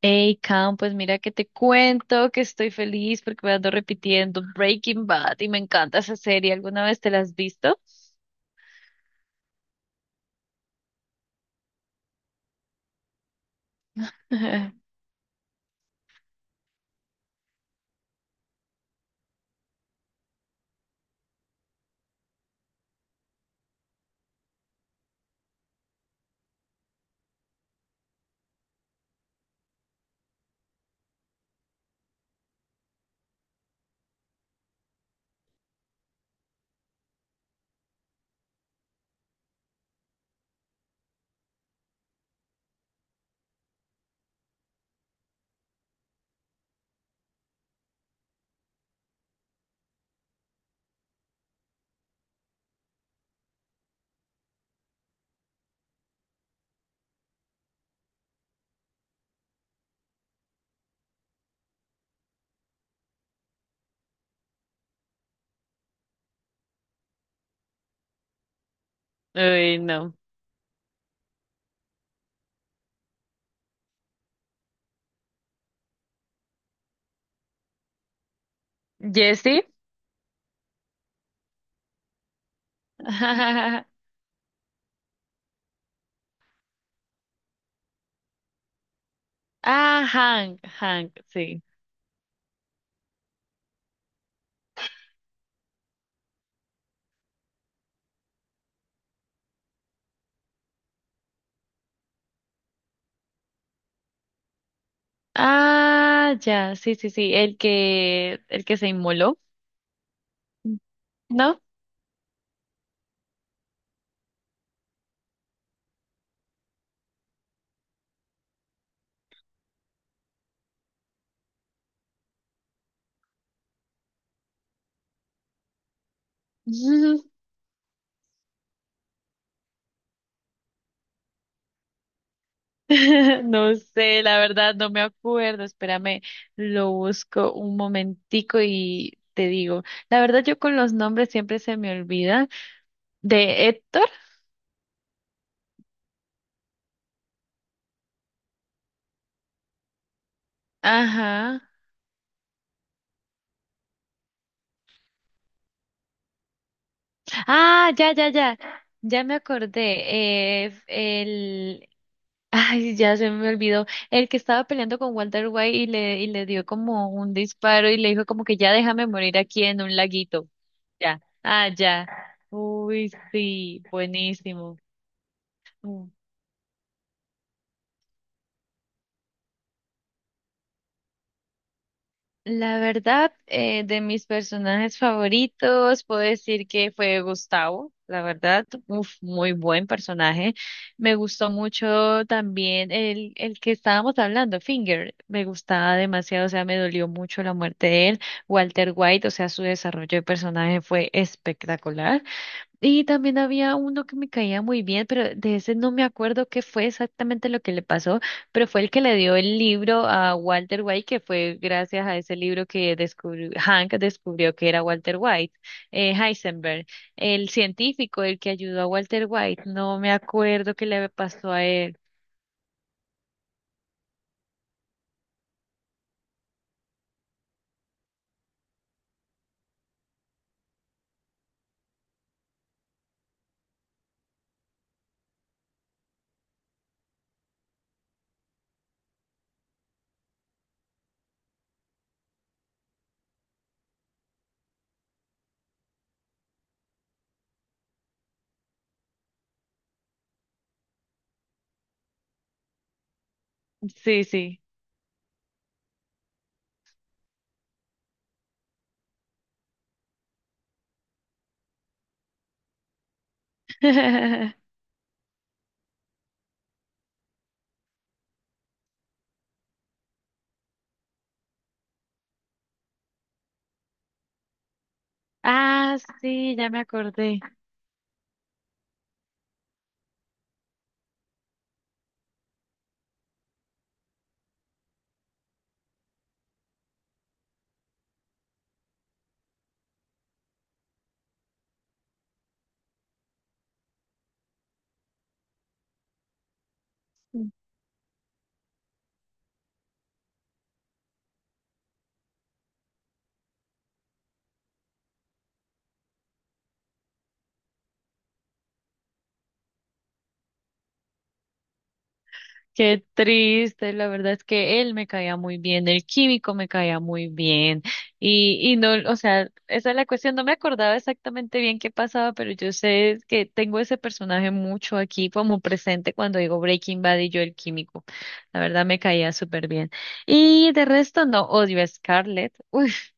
Hey, Cam, pues mira que te cuento que estoy feliz porque me ando repitiendo Breaking Bad y me encanta esa serie. ¿Alguna vez te la has visto? Uy, no. ¿Jesse? Ah, Hank, Hank, sí. Ah, ya, sí, sí, sí, el que se inmoló, ¿no? No sé, la verdad, no me acuerdo. Espérame, lo busco un momentico y te digo. La verdad, yo con los nombres siempre se me olvida. ¿De Héctor? Ajá. Ah, ya, ya, ya. Ya me acordé. Ay, ya se me olvidó. El que estaba peleando con Walter White y le dio como un disparo y le dijo como que ya déjame morir aquí en un laguito. Ya. Ah, ya. Uy, sí. Buenísimo. La verdad, de mis personajes favoritos, puedo decir que fue Gustavo, la verdad, uf, muy buen personaje. Me gustó mucho también el que estábamos hablando, Finger, me gustaba demasiado, o sea, me dolió mucho la muerte de él. Walter White, o sea, su desarrollo de personaje fue espectacular. Y también había uno que me caía muy bien, pero de ese no me acuerdo qué fue exactamente lo que le pasó, pero fue el que le dio el libro a Walter White, que fue gracias a ese libro que descubrió, Hank descubrió que era Walter White, Heisenberg, el científico, el que ayudó a Walter White. No me acuerdo qué le pasó a él. Sí, sí. Ah, sí, ya me acordé. Qué triste, la verdad es que él me caía muy bien, el químico me caía muy bien y no, o sea, esa es la cuestión, no me acordaba exactamente bien qué pasaba, pero yo sé que tengo ese personaje mucho aquí como presente cuando digo Breaking Bad y yo el químico, la verdad me caía súper bien. Y de resto no, odio a Scarlett.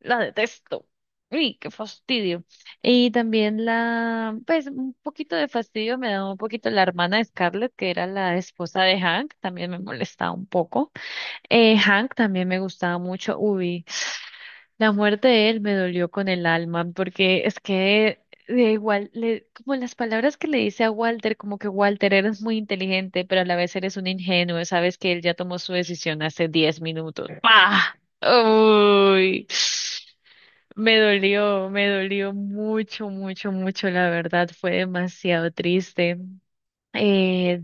La detesto. Uy, qué fastidio. Y también pues un poquito de fastidio me da un poquito la hermana de Scarlett, que era la esposa de Hank, también me molestaba un poco. Hank también me gustaba mucho. Uy, la muerte de él me dolió con el alma, porque es que de igual, como las palabras que le dice a Walter, como que Walter eres muy inteligente, pero a la vez eres un ingenuo, sabes que él ya tomó su decisión hace 10 minutos. ¡Pah! Uy. Me dolió mucho, mucho, mucho, la verdad, fue demasiado triste. Eh,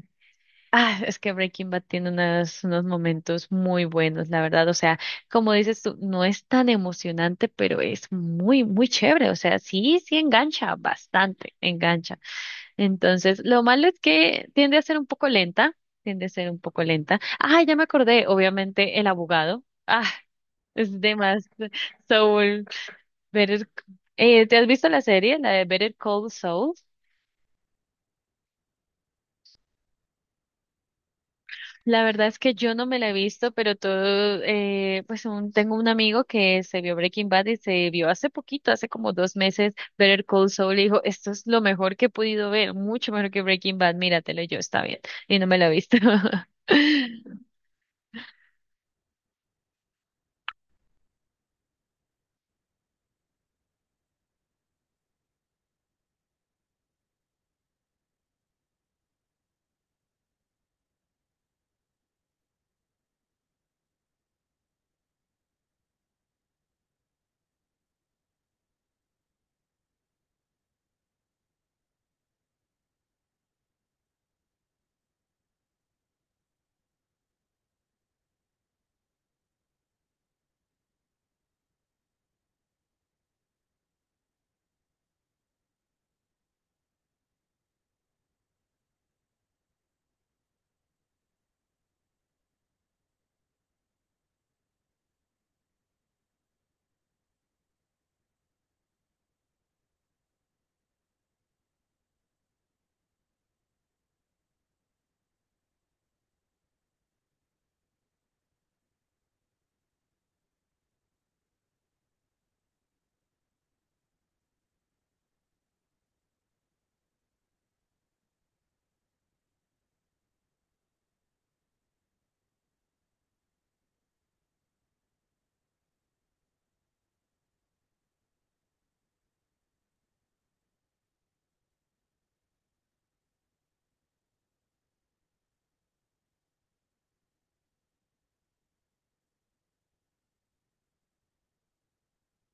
es que Breaking Bad tiene unos momentos muy buenos, la verdad, o sea, como dices tú, no es tan emocionante, pero es muy, muy chévere, o sea, sí, sí engancha bastante, engancha. Entonces, lo malo es que tiende a ser un poco lenta. Ah, ya me acordé, obviamente, el abogado. Ah, es demasiado. so Better, ¿Te has visto la serie, la de Better Call Saul? La verdad es que yo no me la he visto, pero todo, tengo un amigo que se vio Breaking Bad y se vio hace poquito, hace como dos meses, Better Call Saul, y dijo, esto es lo mejor que he podido ver, mucho mejor que Breaking Bad, míratelo, y yo, está bien, y no me la he visto.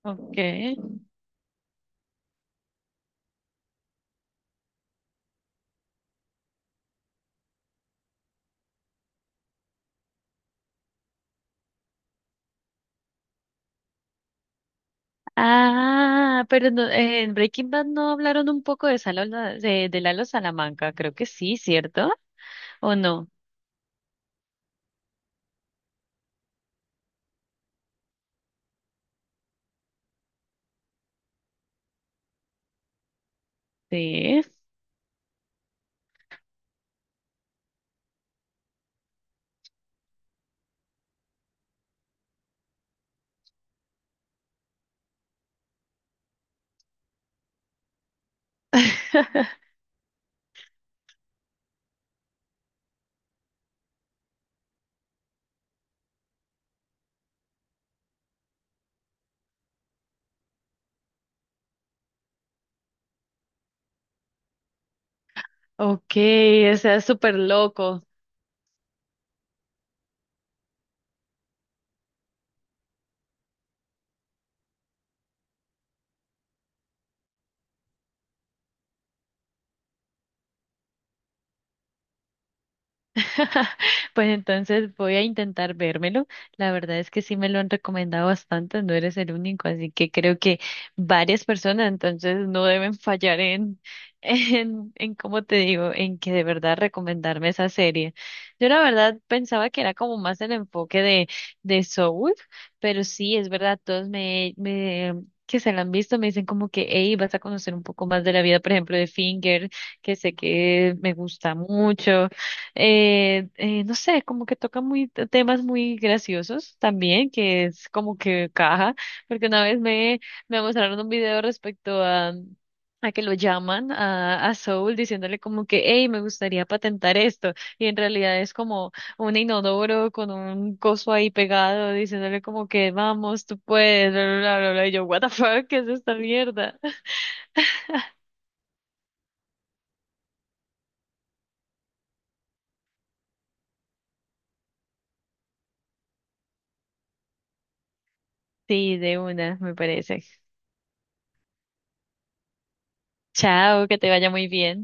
Ok. Ah, en Breaking Bad no hablaron un poco de, de Lalo Salamanca, creo que sí, ¿cierto? ¿O no? Sí. Ok, o sea, súper loco. Pues entonces voy a intentar vérmelo. La verdad es que sí me lo han recomendado bastante, no eres el único, así que creo que varias personas entonces no deben fallar en, en cómo te digo, en que de verdad recomendarme esa serie. Yo la verdad pensaba que era como más el enfoque de Soul, pero sí, es verdad, todos me, me que se la han visto, me dicen como que, hey, vas a conocer un poco más de la vida, por ejemplo, de Finger, que sé que me gusta mucho no sé, como que toca muy temas muy graciosos también, que es como que caja, porque una vez me mostraron un video respecto a que lo llaman a Soul diciéndole como que, hey, me gustaría patentar esto, y en realidad es como un inodoro con un coso ahí pegado diciéndole como que, vamos, tú puedes, bla, bla, bla, bla, bla, y yo, what the fuck, ¿qué es esta mierda? Sí, de una, me parece. Chao, que te vaya muy bien.